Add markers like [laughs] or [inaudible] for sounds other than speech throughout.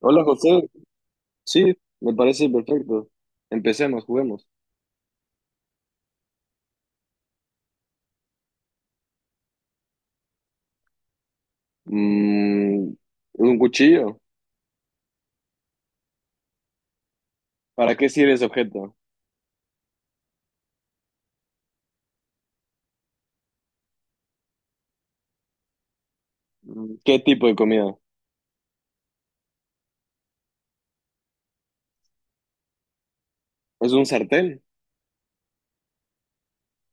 Hola José, sí, me parece perfecto. Empecemos, juguemos. Mm, un cuchillo. ¿Para qué sirve ese objeto? ¿Qué tipo de comida? ¿Es un sartén?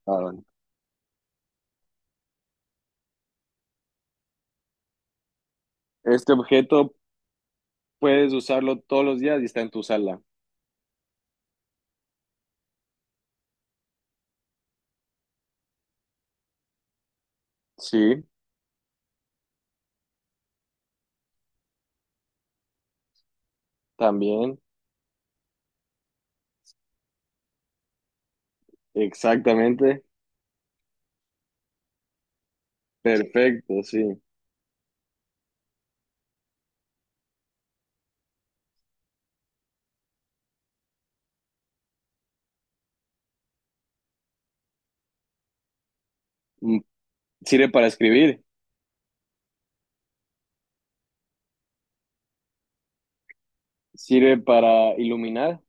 Ah, bueno. Este objeto puedes usarlo todos los días y está en tu sala. Sí, también. Exactamente. Perfecto, sí. Mm, ¿Sirve para escribir? ¿Sirve para iluminar?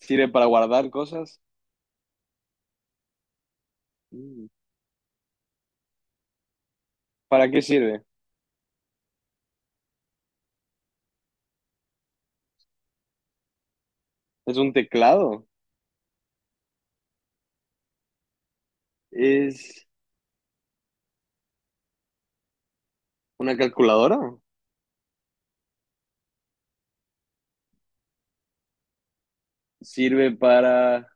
¿Sirve para guardar cosas? Mm, ¿Para qué sirve? ¿Es un teclado? ¿Es una calculadora? Sirve para,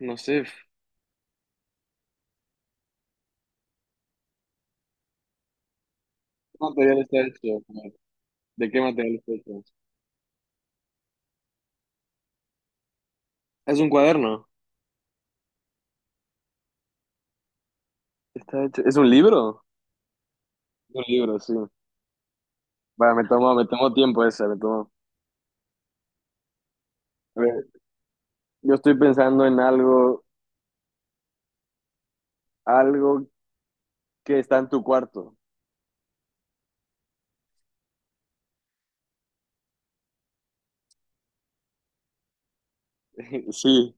no sé, ¿qué material está hecho? ¿De qué material está hecho? Es un cuaderno. Está ¿Es un libro? Un libro, sí. Vale, me tomo tiempo ese, me tomo. A ver, yo estoy pensando en algo que está en tu cuarto. [laughs] Sí,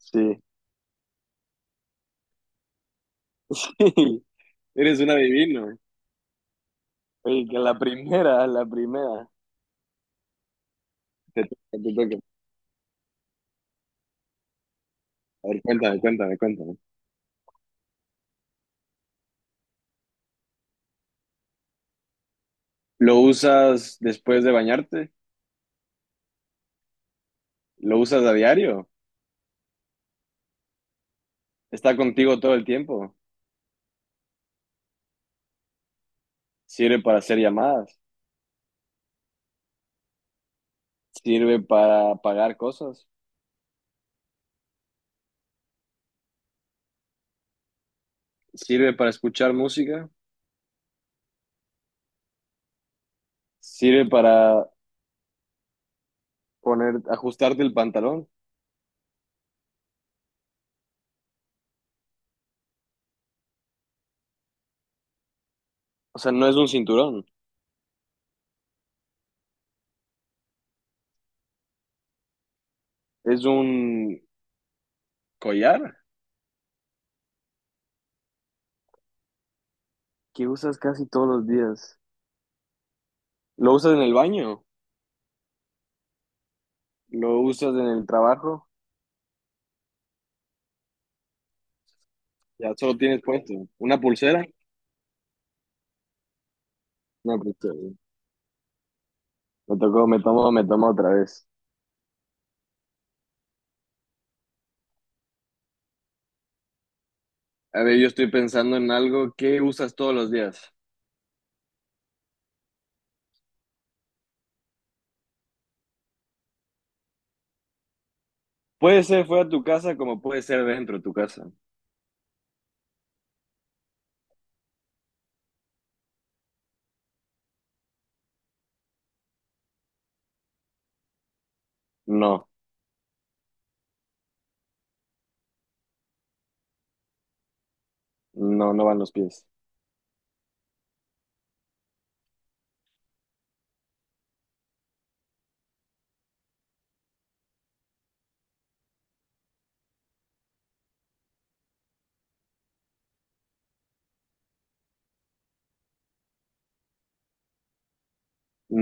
sí. [laughs] Eres un adivino. Oye, la primera. Te toca, te toca. A ver, cuéntame. ¿Lo usas después de bañarte? ¿Lo usas a diario? ¿Está contigo todo el tiempo? Sirve para hacer llamadas, sirve para pagar cosas, sirve para escuchar música, sirve para ajustarte el pantalón. O sea, no es un cinturón, es un collar que usas casi todos los días. Lo usas en el baño, lo usas en el trabajo, ya solo tienes puesto. Una pulsera, no, pues, me tocó, me tomo otra vez. A ver, yo estoy pensando en algo que usas todos los días. Puede ser fuera de tu casa como puede ser dentro de tu casa. No. No, no van los pies.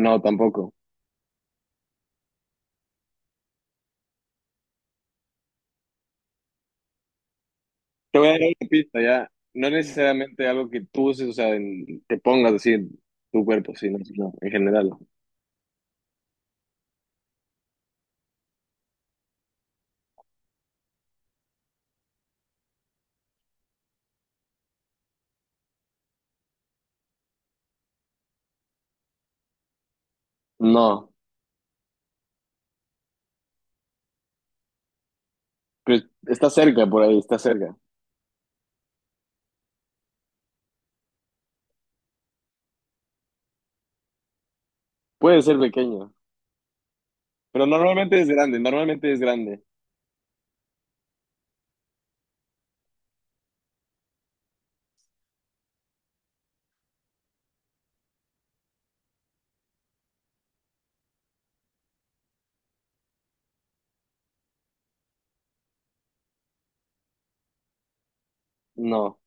No, tampoco. Te voy a dar una pista ya. No necesariamente algo que tú uses, o sea, te pongas así en tu cuerpo, sino no, en general. No, pero está cerca por ahí, está cerca. Puede ser pequeño, pero normalmente es grande, normalmente es grande. No,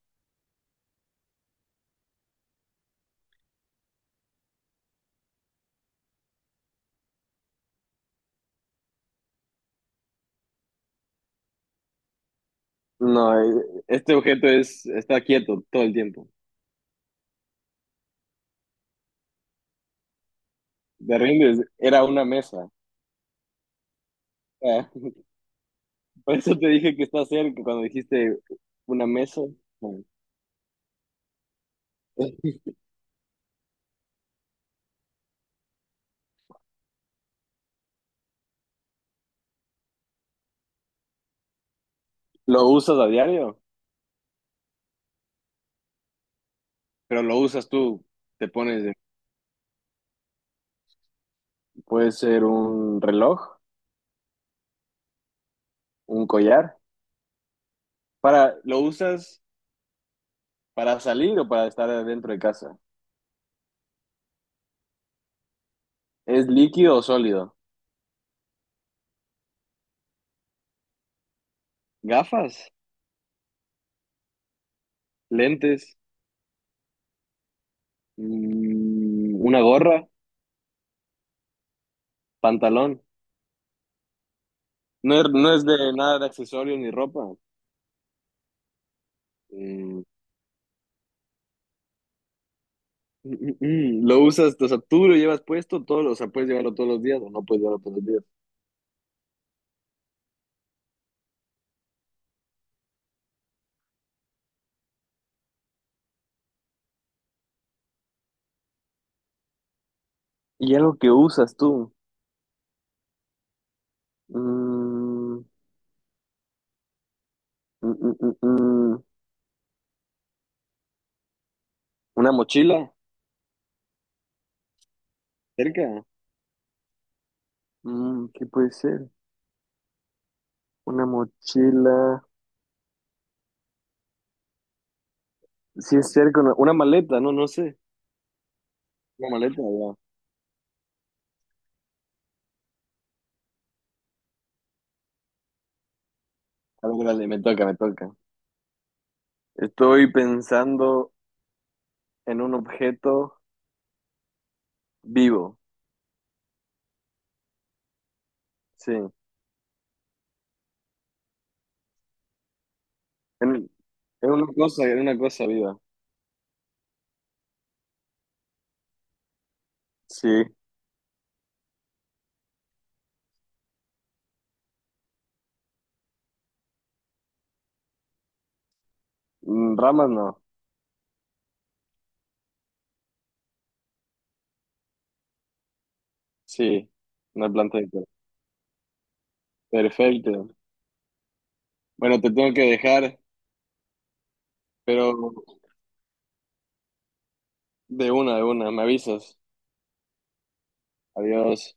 no, este objeto es, está quieto todo el tiempo. De rindes, era una mesa. Ah, [laughs] por eso te dije que está cerca cuando dijiste una mesa. Bueno, eh, ¿Lo usas a diario? Pero lo usas tú, te pones, de- puede ser un reloj, un collar, para, ¿lo usas para salir o para estar adentro de casa? ¿Es líquido o sólido? ¿Gafas? ¿Lentes? ¿Una gorra? ¿Pantalón? No es de nada de accesorios ni ropa. Mm, ¿Lo usas, o sea, tú lo llevas puesto todos, o sea, puedes llevarlo todos los días o no puedes llevarlo todos los días? ¿Y algo que usas tú? Mm, mm, mm, mm, mm, ¿Una mochila? ¿Cerca? Mm, ¿qué puede ser? Una mochila. Si es cerca, una maleta, no, no sé. Una maleta, ya. A ver, dale, me toca, me toca. Estoy pensando en un objeto vivo. Sí. En, en en una cosa viva. Sí. Mm, ramas no. Sí. Una planta de cuerpo. Perfecto. Bueno, te tengo que dejar, pero de una, de una. Me avisas. Adiós.